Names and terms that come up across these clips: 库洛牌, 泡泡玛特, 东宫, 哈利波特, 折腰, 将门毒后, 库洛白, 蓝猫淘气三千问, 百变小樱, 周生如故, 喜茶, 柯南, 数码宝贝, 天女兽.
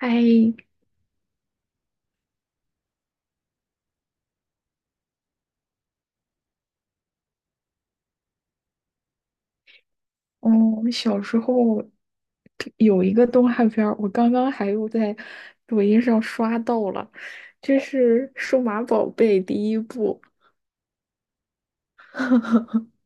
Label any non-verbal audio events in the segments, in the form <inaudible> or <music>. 哎，嗯，小时候有一个动画片儿，我刚刚还又在抖音上刷到了，就是《数码宝贝》第一部，<laughs>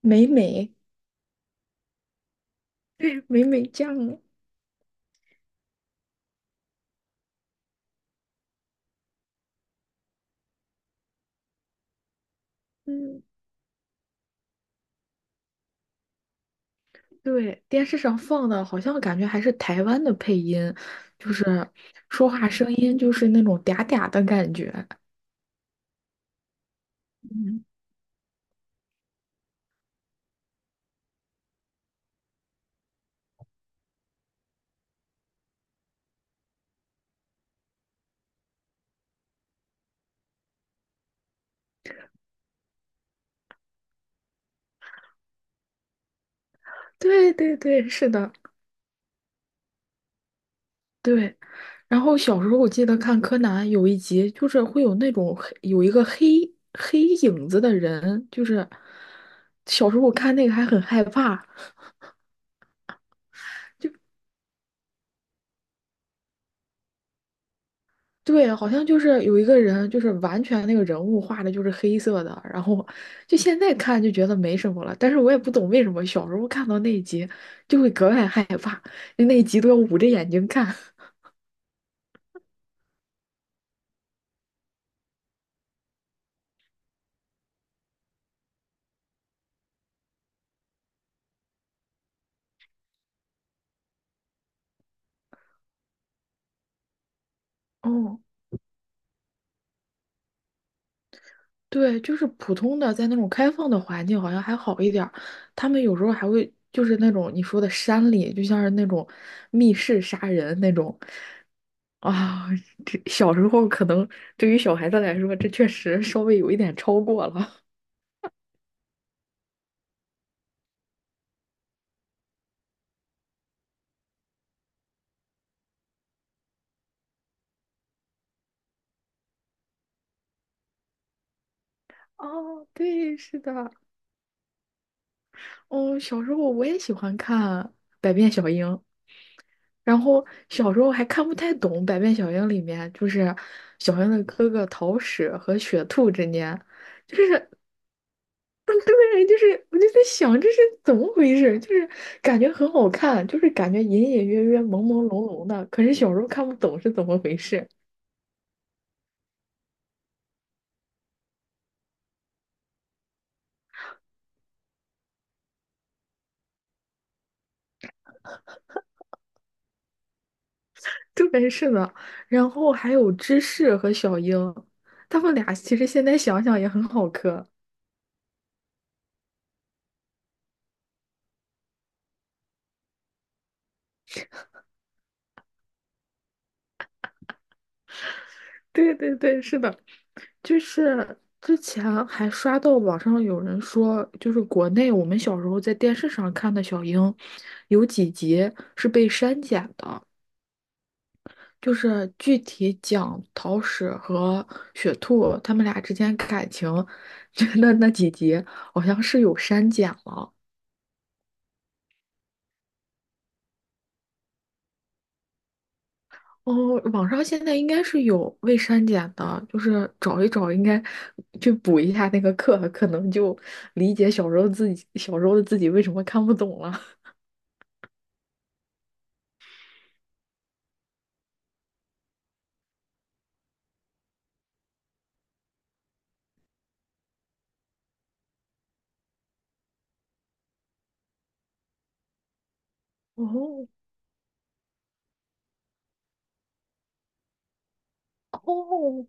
美美，<laughs> 美美酱，嗯，对，电视上放的，好像感觉还是台湾的配音，就是说话声音就是那种嗲嗲的感觉，嗯，对对对，是的，对，然后小时候我记得看柯南有一集，就是会有那种有一个黑黑影子的人，就是小时候我看那个还很害怕。对，好像就是有一个人，就是完全那个人物画的就是黑色的，然后就现在看就觉得没什么了，但是我也不懂为什么小时候看到那一集就会格外害怕，就那一集都要捂着眼睛看。<laughs> 哦，对，就是普通的，在那种开放的环境好像还好一点儿，他们有时候还会就是那种你说的山里，就像是那种密室杀人那种啊，这小时候可能对于小孩子来说，这确实稍微有一点超过了。<laughs> 哦，对，是的，哦，小时候我也喜欢看《百变小樱》，然后小时候还看不太懂《百变小樱》里面，就是小樱的哥哥桃矢和雪兔之间，就是嗯对，就是我就在想这是怎么回事，就是感觉很好看，就是感觉隐隐约约、朦朦胧胧的，可是小时候看不懂是怎么回事。对，是的，然后还有芝士和小樱，他们俩其实现在想想也很好磕。对对对，是的，就是之前还刷到网上有人说，就是国内我们小时候在电视上看的小樱，有几集是被删减的，就是具体讲桃矢和雪兔他们俩之间感情，<laughs> 觉那那几集好像是有删减了。哦，网上现在应该是有未删减的，就是找一找，应该去补一下那个课，可能就理解小时候自己小时候的自己为什么看不懂了。哦哦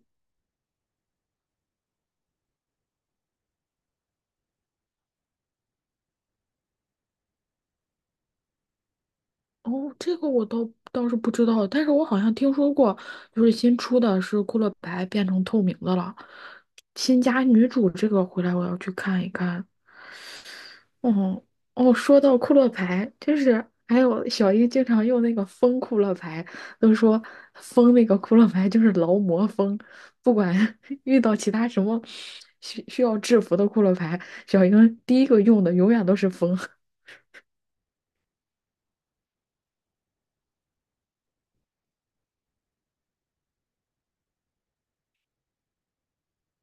哦，这个我倒是不知道，但是我好像听说过，就是新出的是《库洛白》变成透明的了，新加女主这个回来我要去看一看，哦哦，说到库洛牌，就是还有小英经常用那个风库洛牌，都说风那个库洛牌就是劳模风，不管 <laughs> 遇到其他什么需要制服的库洛牌，小英第一个用的永远都是风。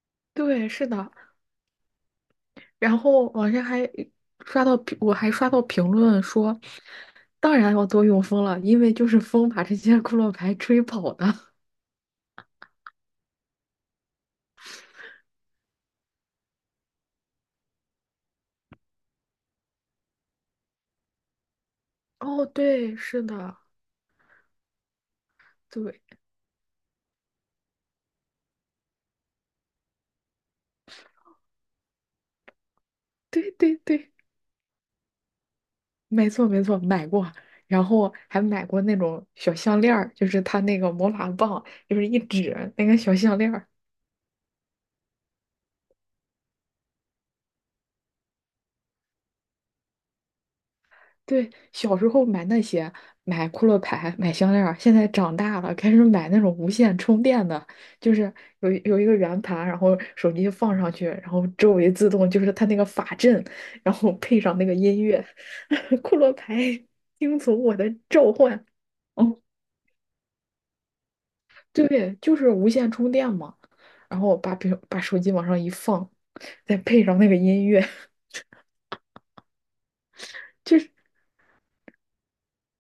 <laughs> 对，是的。然后网上还刷到评我还刷到评论说，当然要多用风了，因为就是风把这些库洛牌吹跑的。<laughs> 哦，对，是的，对，对对对。没错没错，买过，然后还买过那种小项链儿，就是它那个魔法棒，就是一指那个小项链儿。对，小时候买那些，买骷髅牌，买项链儿，现在长大了开始买那种无线充电的，就是有一个圆盘，然后手机放上去，然后周围自动就是它那个法阵，然后配上那个音乐，<laughs> 骷髅牌 <laughs> 听从我的召唤。哦。对，就是无线充电嘛。然后把手机往上一放，再配上那个音乐，<laughs> 就是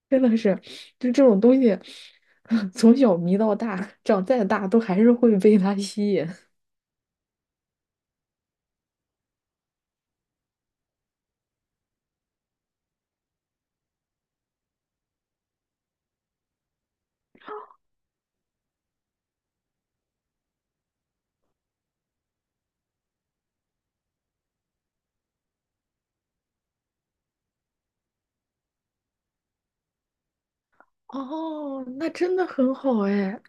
真的是，就这种东西，<laughs> 从小迷到大，长再大都还是会被它吸引。哦，那真的很好哎。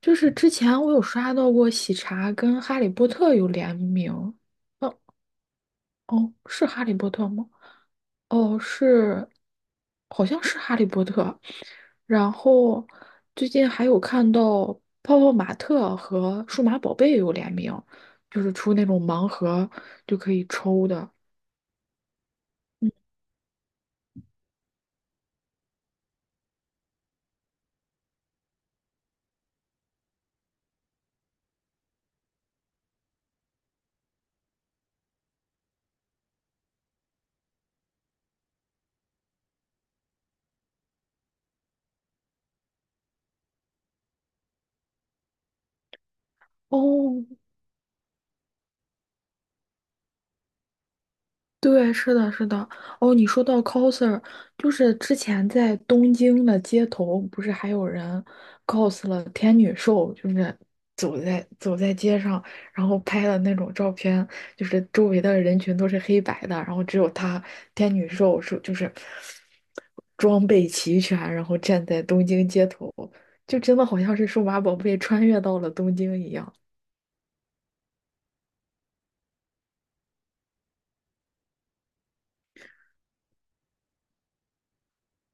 就是之前我有刷到过喜茶跟哈利波特有联名，哦哦，是哈利波特吗？哦，是，好像是《哈利波特》，然后最近还有看到泡泡玛特和数码宝贝有联名，就是出那种盲盒就可以抽的。嗯哦，对，是的，是的。哦，你说到 coser,就是之前在东京的街头，不是还有人 cos 了天女兽，就是走在街上，然后拍的那种照片，就是周围的人群都是黑白的，然后只有他天女兽是就是装备齐全，然后站在东京街头，就真的好像是数码宝贝穿越到了东京一样。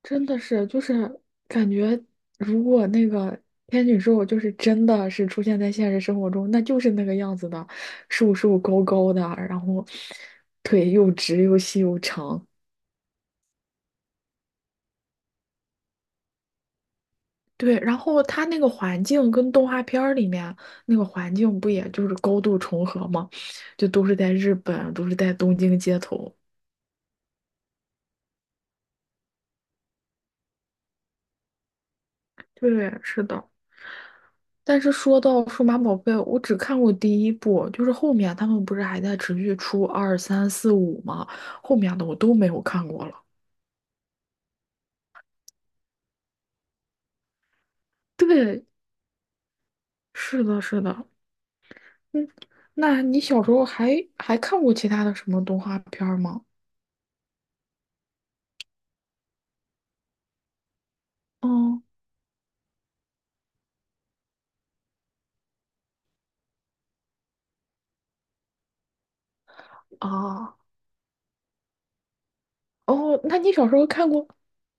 真的是，就是感觉，如果那个天女兽就是真的是出现在现实生活中，那就是那个样子的，瘦瘦高高的，然后腿又直又细又长。对，然后它那个环境跟动画片儿里面那个环境不也就是高度重合吗？就都是在日本，都是在东京街头。对，是的。但是说到数码宝贝，我只看过第一部，就是后面他们不是还在持续出二三四五吗？后面的我都没有看过了。对，是的，是的，嗯，那你小时候还看过其他的什么动画片儿吗？哦啊哦，那你小时候看过？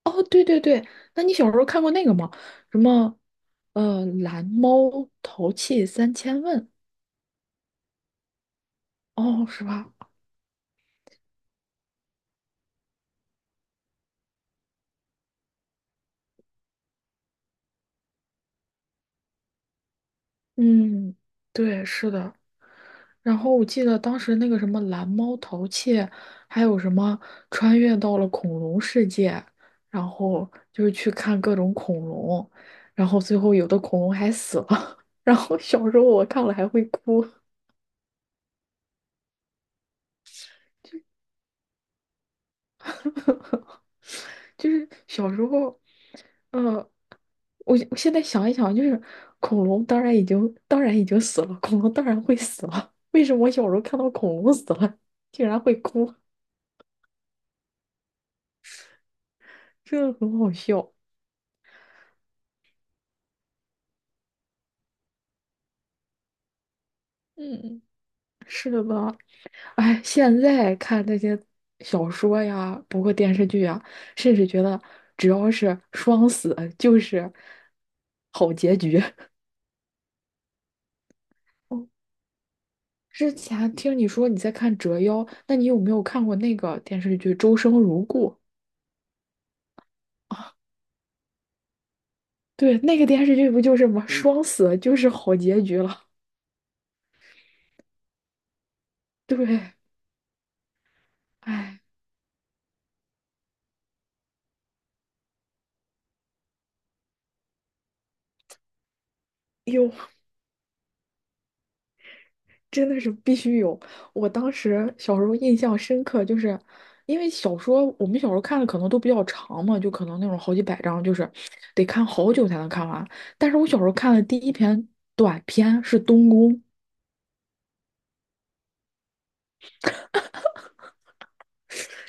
哦，对对对，那你小时候看过那个吗？什么蓝猫淘气三千问？哦，是吧？嗯，对，是的。然后我记得当时那个什么蓝猫淘气，还有什么穿越到了恐龙世界，然后就是去看各种恐龙，然后最后有的恐龙还死了，<laughs> 然后小时候我看了还会哭，就是小时候，嗯，我现在想一想，就是恐龙当然已经死了，恐龙当然会死了，<laughs> 为什么我小时候看到恐龙死了，竟然会哭，真的很好笑，嗯。哎，现在看那些小说呀，包括电视剧啊，甚至觉得只要是双死就是好结局。<laughs> 哦之前听你说你在看《折腰》，那你有没有看过那个电视剧《周生如故》？对，那个电视剧不就是吗？嗯双死就是好结局了。<laughs> 对，哎，有。真的是必须有。我当时小时候印象深刻，就是因为小说我们小时候看的可能都比较长嘛，就可能那种好几百章，就是得看好久才能看完。但是我小时候看的第一篇短篇是《东宫》，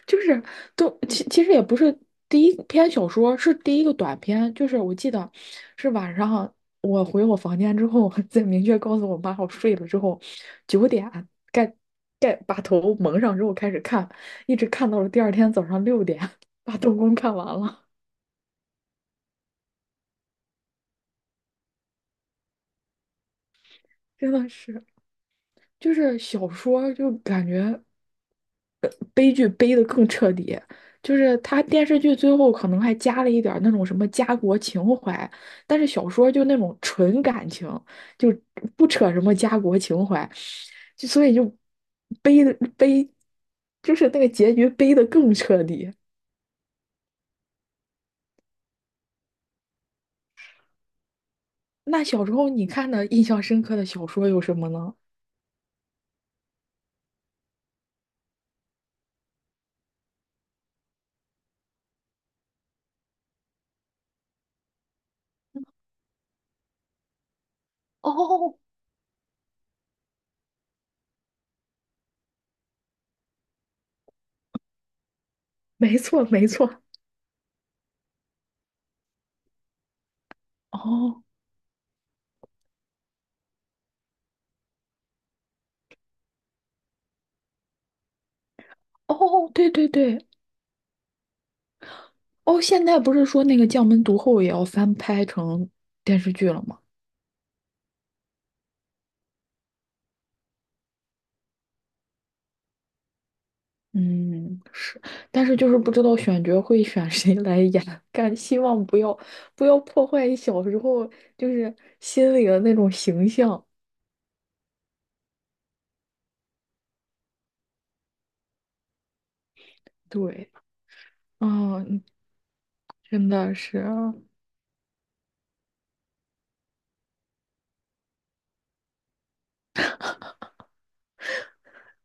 就是都其实也不是第一篇小说，是第一个短篇。就是我记得是晚上我回我房间之后，<laughs> 再明确告诉我妈我睡了之后，9点盖盖把头蒙上之后开始看，一直看到了第二天早上6点，<laughs> 把东宫看完了。真的是，就是小说就感觉悲剧悲的更彻底。就是他电视剧最后可能还加了一点儿那种什么家国情怀，但是小说就那种纯感情，就不扯什么家国情怀，就所以就悲的悲，就是那个结局悲的更彻底。那小时候你看的印象深刻的小说有什么呢？哦 <laughs> 没错，没错。哦哦，对对对，哦，现在不是说那个《将门毒后》也要翻拍成电视剧了吗？嗯，是，但是就是不知道选角会选谁来演，感希望不要破坏小时候就是心里的那种形象。对，啊，嗯真的是啊，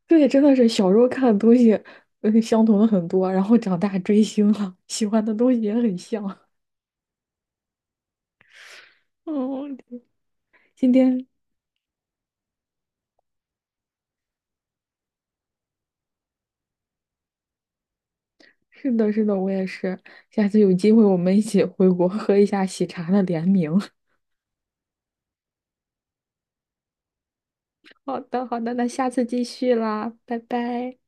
对，真的是小时候看的东西，相同的很多，然后长大追星了，喜欢的东西也很像。嗯，今天是的，是的，我也是。下次有机会我们一起回国喝一下喜茶的联名。<laughs> 好的，好的，那下次继续啦，拜拜。